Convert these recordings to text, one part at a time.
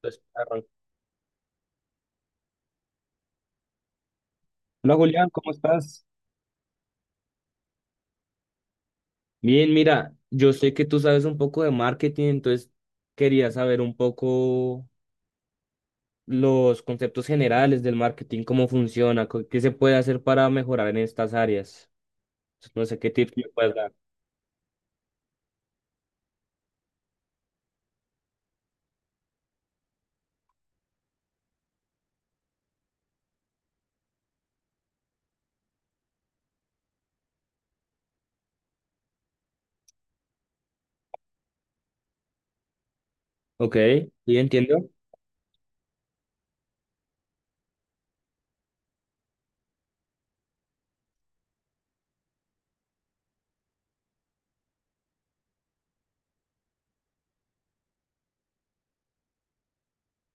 Entonces, arran- Hola Julián, ¿cómo estás? Bien, mira, yo sé que tú sabes un poco de marketing, entonces quería saber un poco los conceptos generales del marketing, cómo funciona, qué se puede hacer para mejorar en estas áreas. Entonces, no sé qué tips me puedes dar. Ok, sí, entiendo.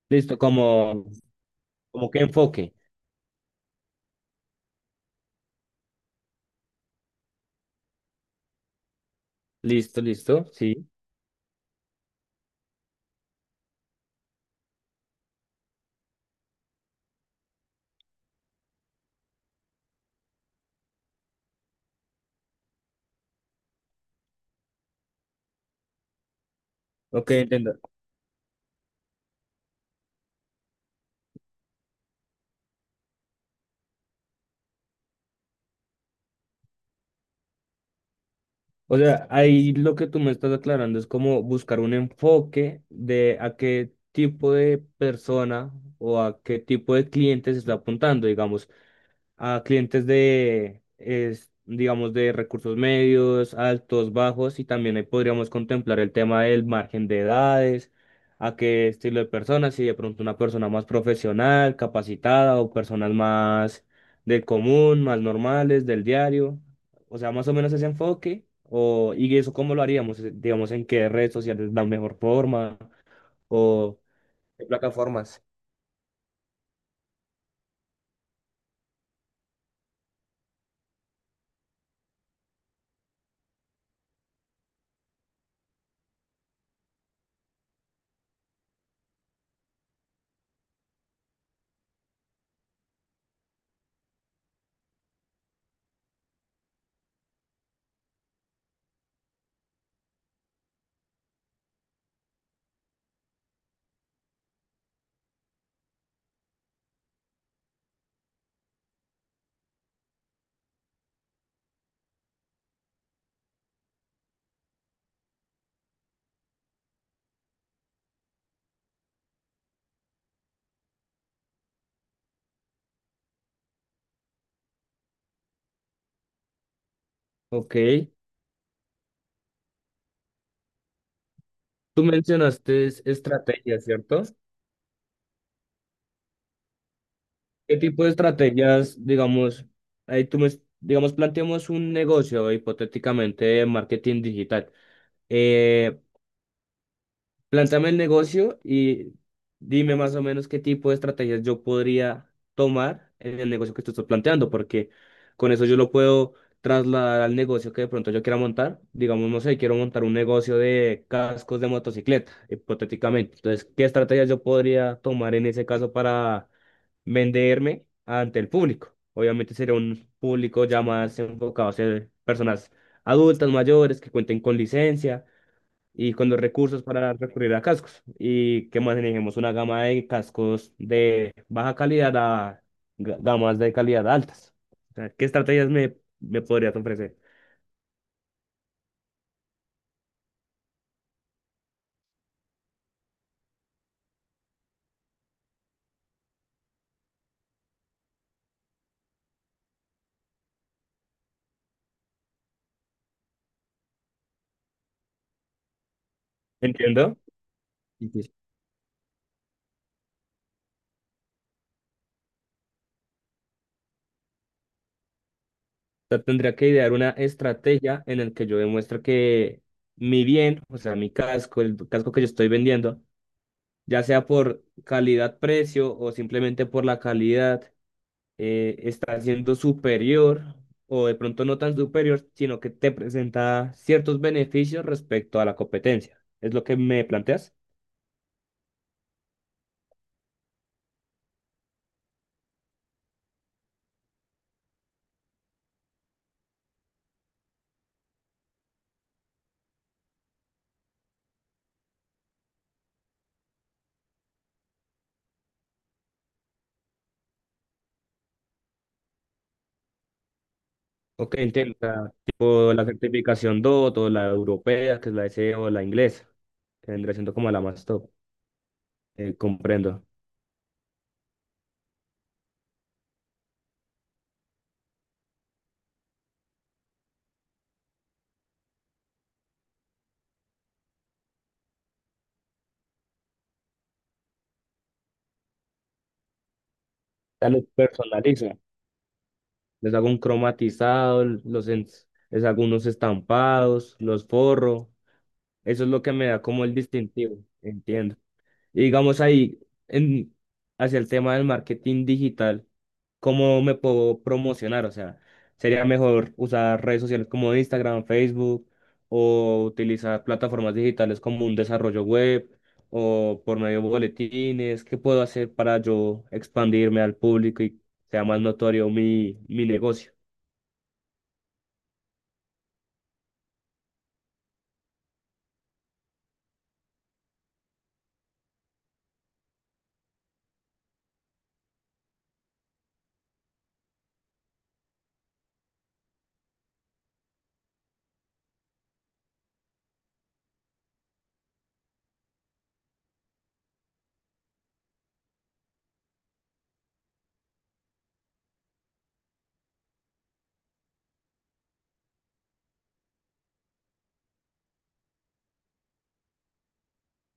Listo, como, como qué enfoque. Listo, listo, sí. Ok, entiendo. O sea, ahí lo que tú me estás aclarando es como buscar un enfoque de a qué tipo de persona o a qué tipo de cliente se está apuntando. Digamos, a clientes de, es, digamos, de recursos medios, altos, bajos, y también ahí podríamos contemplar el tema del margen de edades, a qué estilo de personas, si de pronto una persona más profesional, capacitada, o personas más del común, más normales, del diario, o sea, más o menos ese enfoque, o, y eso cómo lo haríamos, digamos, en qué redes sociales la mejor forma, o qué plataformas. Ok, tú mencionaste estrategias, ¿cierto? ¿Qué tipo de estrategias, digamos, ahí tú me, digamos, planteamos un negocio hipotéticamente de marketing digital? Eh, Plántame el negocio y dime más o menos qué tipo de estrategias yo podría tomar en el negocio que tú estás planteando, porque con eso yo lo puedo trasladar al negocio que de pronto yo quiera montar. Digamos, no sé, quiero montar un negocio de cascos de motocicleta, hipotéticamente. Entonces, ¿qué estrategias yo podría tomar en ese caso para venderme ante el público? Obviamente sería un público ya más enfocado a ser personas adultas, mayores, que cuenten con licencia y con los recursos para recurrir a cascos y que manejemos una gama de cascos de baja calidad a gamas de calidad altas. O sea, ¿qué estrategias me podrías ofrecer? ¿Entiendo? Difícil. O sea, tendría que idear una estrategia en la que yo demuestre que mi bien, o sea, mi casco, el casco que yo estoy vendiendo, ya sea por calidad-precio o simplemente por la calidad, está siendo superior o de pronto no tan superior, sino que te presenta ciertos beneficios respecto a la competencia. ¿Es lo que me planteas? Ok, entiendo. O sea, tipo la certificación DOT o la europea, que es la SE o la inglesa, que vendría siendo como la más top. Comprendo. Ya los personalizo. Les hago un cromatizado, les hago unos estampados, los forro. Eso es lo que me da como el distintivo. Entiendo. Y digamos ahí, en, hacia el tema del marketing digital, ¿cómo me puedo promocionar? O sea, ¿sería mejor usar redes sociales como Instagram, Facebook, o utilizar plataformas digitales como un desarrollo web, o por medio de boletines? ¿Qué puedo hacer para yo expandirme al público y sea más notorio mi negocio?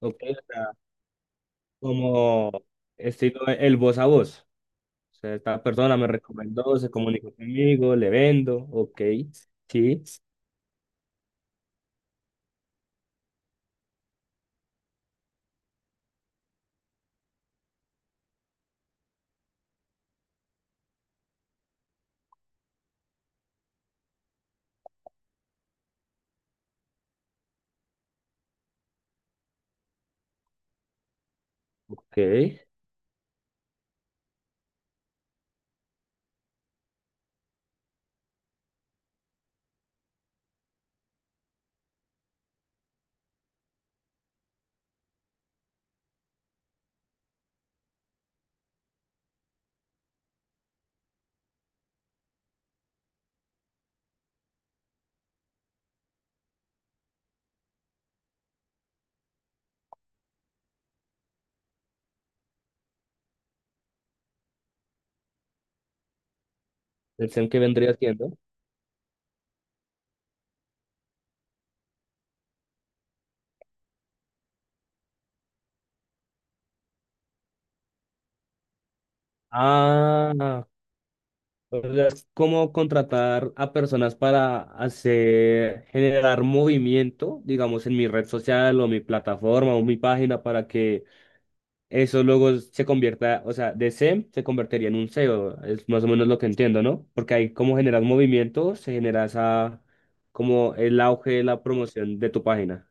Ok, o sea, como estilo el voz a voz. O sea, esta persona me recomendó, se comunicó conmigo, le vendo, ok, sí, ok. ¿El SEM qué vendría haciendo? Ah, o sea, es como contratar a personas para hacer, generar movimiento, digamos, en mi red social o mi plataforma o mi página para que eso luego se convierta, o sea, de SEM se convertiría en un SEO, es más o menos lo que entiendo, ¿no? Porque ahí como generas movimiento, se genera esa, como el auge de la promoción de tu página.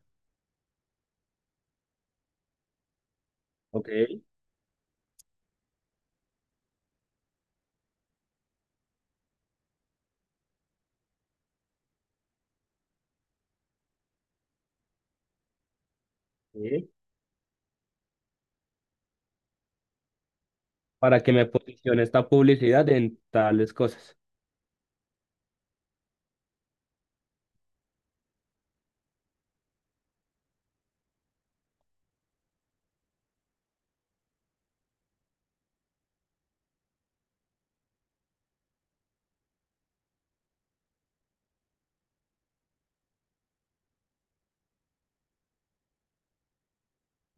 Ok, sí, para que me posicione esta publicidad en tales cosas.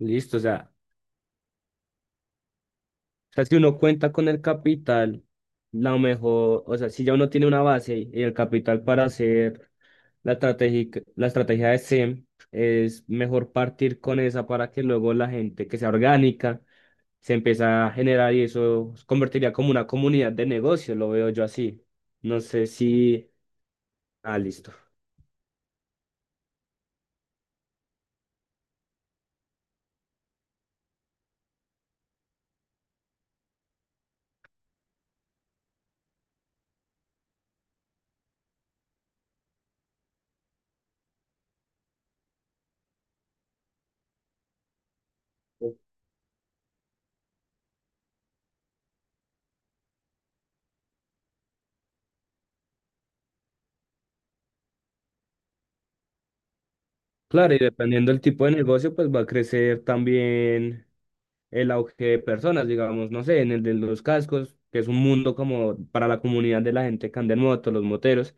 Listo, o sea, si uno cuenta con el capital, la mejor, o sea, si ya uno tiene una base y el capital para hacer la estrategia de SEM, es mejor partir con esa para que luego la gente que sea orgánica se empiece a generar y eso se convertiría como una comunidad de negocio, lo veo yo así. No sé si... Ah, listo. Claro, y dependiendo del tipo de negocio, pues va a crecer también el auge de personas, digamos, no sé, en el de los cascos, que es un mundo como para la comunidad de la gente que anda en moto, los moteros,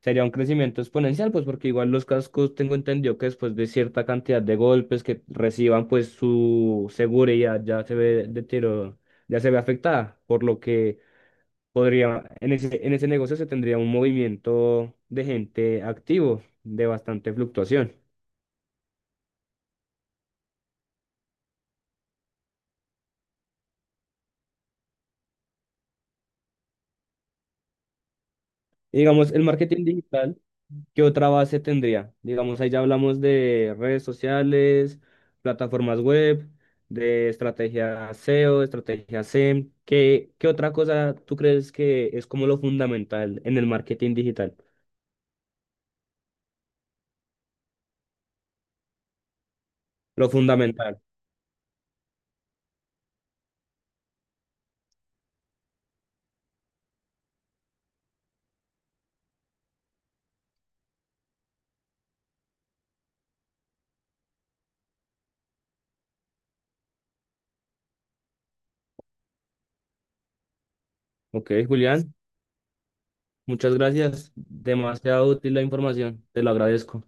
sería un crecimiento exponencial, pues porque igual los cascos tengo entendido que después de cierta cantidad de golpes que reciban, pues su seguridad ya se ve ya se ve afectada, por lo que podría, en ese negocio se tendría un movimiento de gente activo, de bastante fluctuación. Y digamos, el marketing digital, ¿qué otra base tendría? Digamos, ahí ya hablamos de redes sociales, plataformas web, de estrategia SEO, estrategia SEM. ¿Qué otra cosa tú crees que es como lo fundamental en el marketing digital? Lo fundamental. Ok, Julián, muchas gracias. Demasiado útil la información. Te lo agradezco.